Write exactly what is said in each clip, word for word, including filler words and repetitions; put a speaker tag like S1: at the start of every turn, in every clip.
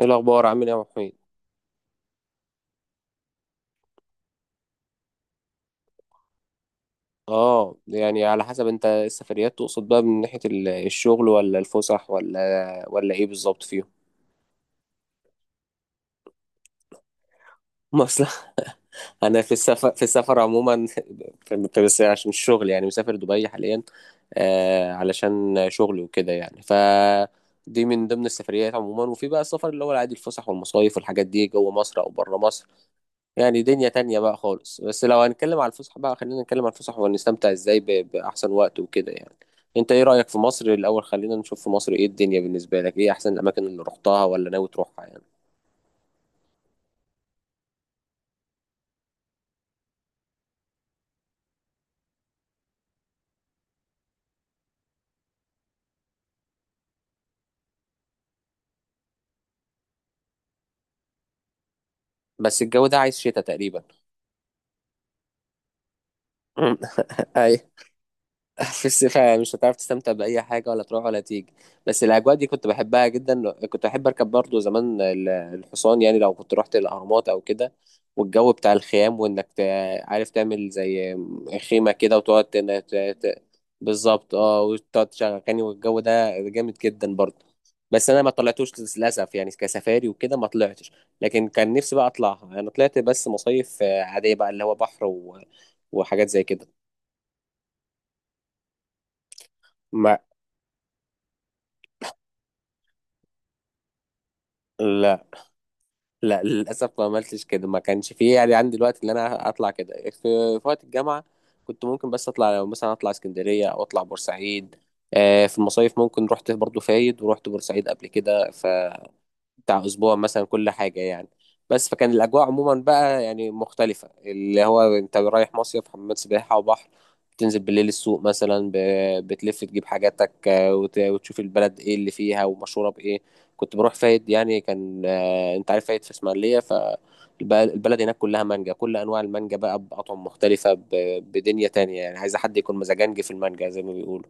S1: ايه الاخبار، عامل ايه يا محمود؟ اه يعني على حسب، انت السفريات تقصد بقى من ناحيه ال- الشغل ولا الفسح ولا ولا ايه بالظبط فيهم؟ ما اصل انا في السفر في السفر عموما. في- بس عشان الشغل يعني مسافر دبي حاليا. آه علشان شغلي وكده يعني، ف دي من ضمن السفريات عموما، وفي بقى السفر اللي هو العادي، الفسح والمصايف والحاجات دي جوه مصر او بره مصر. يعني دنيا تانية بقى خالص. بس لو هنتكلم على الفسح بقى، خلينا نتكلم على الفسح ونستمتع ازاي ب- بأحسن وقت وكده يعني. انت ايه رأيك في مصر الأول؟ خلينا نشوف في مصر ايه الدنيا بالنسبة لك. ايه أحسن الأماكن اللي رحتها ولا ناوي تروحها يعني؟ بس الجو ده عايز شتاء تقريبا. في الصيف مش هتعرف تستمتع بأي حاجة ولا تروح ولا تيجي. بس الأجواء دي كنت بحبها جدا. كنت أحب أركب برضو زمان ال- الحصان، يعني لو كنت رحت الأهرامات أو كده. والجو بتاع الخيام، وإنك تع- عارف تعمل زي خيمة كده، وتقعد تن- ت- ت- بالظبط، اه، وتقعد تشغل أغاني، والجو ده جامد جدا برضو. بس أنا ما طلعتوش، للأسف، يعني كسفاري وكده ما طلعتش. لكن كان نفسي بقى أطلعها. أنا طلعت بس مصايف، آه، عادية بقى، اللي هو بحر و... وحاجات زي كده. ما، لا، لا، للاسف ما عملتش كده. ما كانش فيه يعني عندي الوقت اللي انا اطلع كده في في وقت الجامعه. كنت ممكن بس اطلع، لو مثلا اطلع اسكندريه او اطلع بورسعيد. آه، في المصايف ممكن، رحت برضو فايد ورحت بورسعيد قبل كده، بتاع اسبوع مثلا، كل حاجه يعني. بس فكان الاجواء عموما بقى يعني مختلفه، اللي هو انت رايح مصيف، حمامات سباحه وبحر، تنزل بالليل السوق مثلا، ب- بتلف تجيب حاجاتك، آه، وت- وتشوف البلد ايه اللي فيها ومشهوره بايه. كنت بروح فايد يعني. كان، آه، انت عارف فايد في اسماعيليه، فالبلد هناك كلها مانجا، كل انواع المانجا بقى باطعم مختلفه، ب- بدنيا تانية يعني. عايز حد يكون مزاجنجي في المانجا زي ما بيقولوا.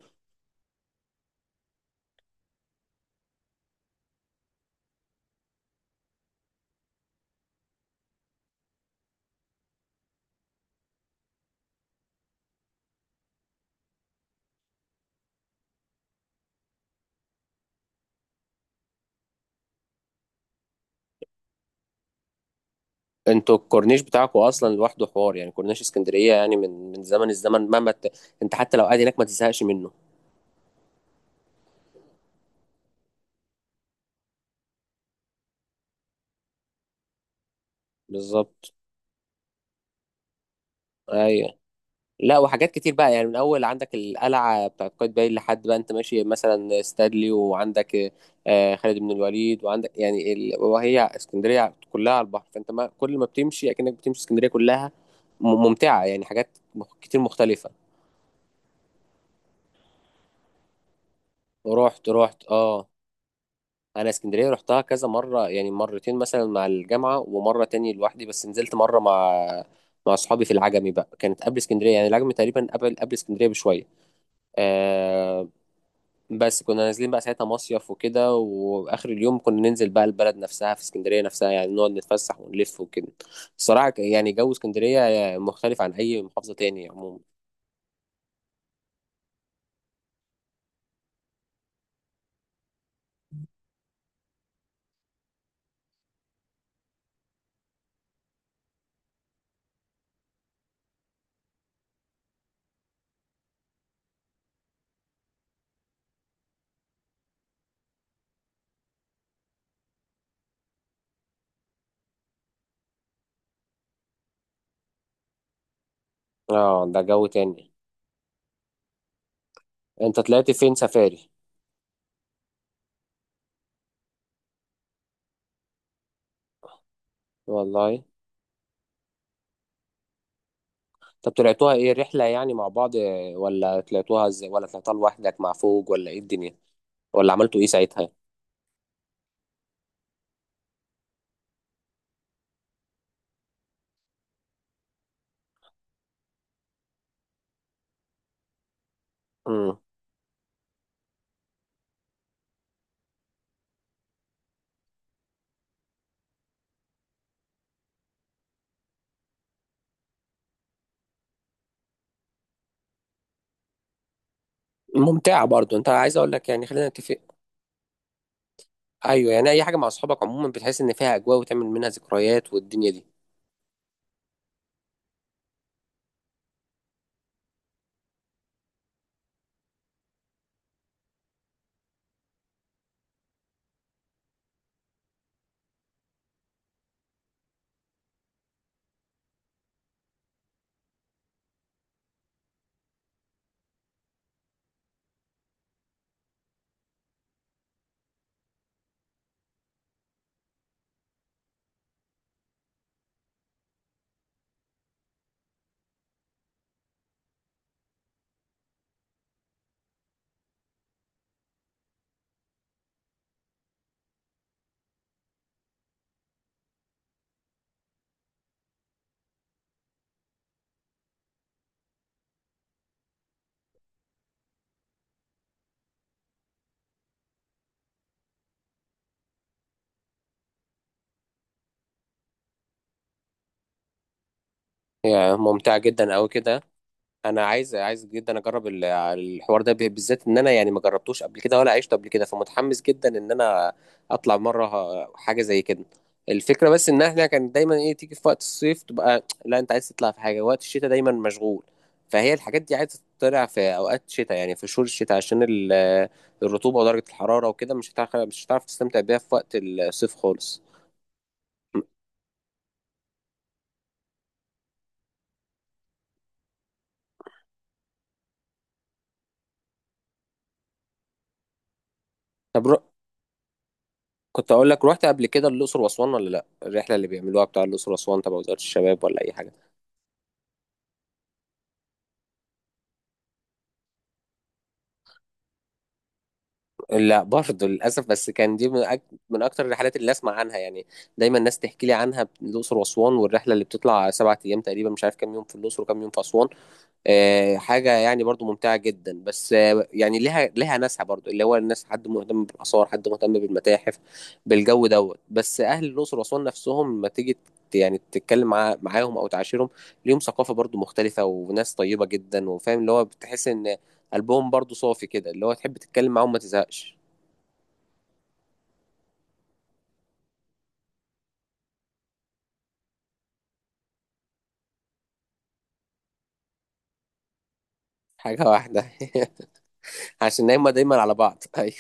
S1: انتوا الكورنيش بتاعكم اصلا لوحده حوار، يعني كورنيش اسكندريه يعني من من زمن الزمن، مهما ت... انت حتى لو قاعد هناك ما تزهقش منه. بالظبط. ايوه. لا، وحاجات كتير بقى يعني، من اول عندك القلعه بتاعت قايتباي لحد بقى انت ماشي مثلا ستادلي، وعندك آه، خالد بن الوليد، وعندك يعني ال... وهي اسكندريه كلها على البحر، فانت ما كل ما بتمشي اكنك بتمشي اسكندريه كلها. م- ممتعه يعني، حاجات مخ- كتير مختلفه. رحت، رحت، اه. انا اسكندريه رحتها كذا مره، يعني مرتين مثلا مع الجامعه، ومره تاني لوحدي، بس نزلت مره مع مع اصحابي في العجمي بقى، كانت قبل اسكندريه، يعني العجمي تقريبا قبل قبل اسكندريه بشويه. آه. بس كنا نازلين بقى ساعتها مصيف وكده، واخر اليوم كنا ننزل بقى البلد نفسها في اسكندريه نفسها، يعني نقعد نتفسح ونلف وكده. الصراحه ك- يعني جو اسكندريه مختلف عن اي محافظه تاني عموما. اه، ده جو تاني. انت طلعت فين سفاري؟ والله. طب طلعتوها ايه، رحلة يعني مع بعض، آه، ولا طلعتوها ازاي، ولا طلعتها لوحدك مع فوج، ولا ايه الدنيا؟ ولا عملتوا ايه ساعتها؟ امم. ممتعة برضو. انت عايز اقول لك يعني، خلينا نتفق. ايوه، يعني اي حاجة مع اصحابك عموما بتحس ان فيها اجواء، وتعمل منها ذكريات والدنيا دي. يعني ممتعة جدا اوي كده. انا عايز عايز جدا اجرب ال- الحوار ده، ب- بالذات ان انا يعني ما جربتوش قبل كده ولا عشته قبل كده، فمتحمس جدا ان انا اطلع مره ه- حاجه زي كده. الفكره بس ان احنا كان دايما ايه، تيجي في وقت الصيف تبقى لا، انت عايز تطلع في حاجه، وقت الشتاء دايما مشغول. فهي الحاجات دي عايزه تطلع في اوقات الشتاء، يعني في شهور الشتاء عشان ال- الرطوبه ودرجه الحراره وكده، مش هتعرف مش هتعرف تستمتع بيها في وقت الصيف خالص. طب رو... كنت اقول لك، رحت قبل كده الاقصر واسوان ولا لا؟ الرحله اللي بيعملوها بتاع الاقصر واسوان تبع وزاره الشباب ولا اي حاجه؟ لا، برضه للاسف. بس كان دي من, أك... من اكتر الرحلات اللي اسمع عنها يعني. دايما الناس تحكي لي عنها، الاقصر واسوان، والرحله اللي بتطلع سبعة ايام تقريبا، مش عارف كام يوم في الاقصر وكام يوم في اسوان. آه حاجه يعني برضه ممتعه جدا. بس آه يعني لها لها ناسها برضه، اللي هو الناس، حد مهتم بالاثار، حد مهتم بالمتاحف، بالجو دوت. بس اهل الاقصر واسوان نفسهم، ما تيجي ت- يعني تتكلم مع... معاهم او تعاشرهم، ليهم ثقافه برضه مختلفه، وناس طيبه جدا وفاهم، اللي هو بتحس ان قلبهم برضه صافي كده، اللي هو تحب تتكلم معاهم ما تزهقش. حاجة واحدة. عشان هما دايما على بعض. أيوة.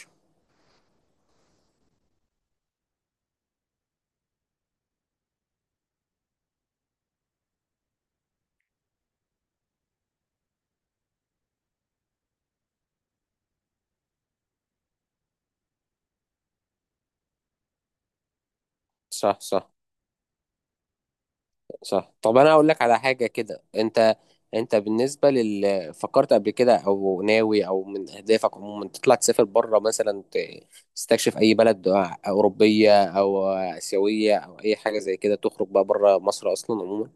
S1: صح، صح، صح. طب، أنا أقول لك على حاجة كده. أنت أنت بالنسبة لل، فكرت قبل كده، أو ناوي، أو من أهدافك عموما، تطلع تسافر بره مثلا، ت- تستكشف أي بلد أوروبية أو آسيوية أو أي حاجة زي كده، تخرج بقى بره مصر أصلا عموما؟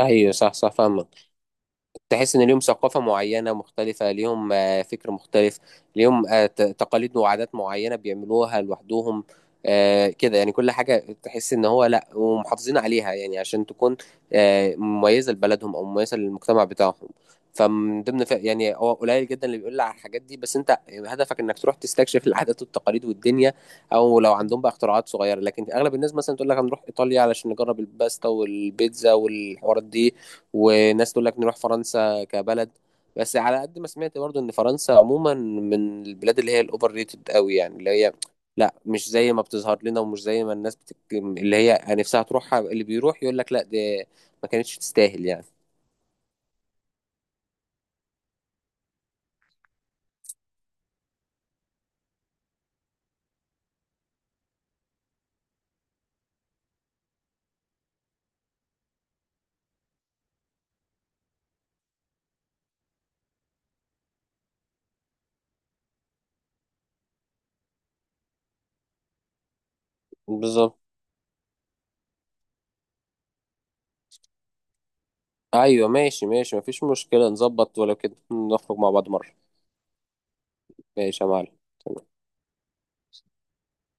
S1: أيوة، صح صح، فاهمك. تحس ان ليهم ثقافه معينه مختلفه، ليهم آه، فكر مختلف، ليهم آه، ت- تقاليد وعادات معينه بيعملوها لوحدهم. آه، كده يعني كل حاجه تحس ان هو، لا، ومحافظين عليها، يعني عشان تكون آه، مميزه لبلدهم او مميزه للمجتمع بتاعهم. فمن ضمن ف- يعني هو قليل جدا اللي بيقول لي على الحاجات دي. بس انت هدفك انك تروح تستكشف العادات والتقاليد والدنيا، او لو عندهم بقى اختراعات صغيره. لكن اغلب الناس مثلا تقول لك هنروح ايطاليا علشان نجرب الباستا والبيتزا والحوارات دي، وناس تقول لك نروح فرنسا كبلد. بس على قد ما سمعت برضو، ان فرنسا عموما من البلاد اللي هي الاوفر ريتد قوي، يعني اللي هي لا، مش زي ما بتظهر لنا ومش زي ما الناس بتك... اللي هي نفسها تروحها، اللي بيروح يقول لك لا، دي ما كانتش تستاهل يعني. بالظبط، ايوه، ماشي، ماشي، مفيش مشكلة، نظبط ولو كده نخرج مع بعض مرة. ماشي يا معلم.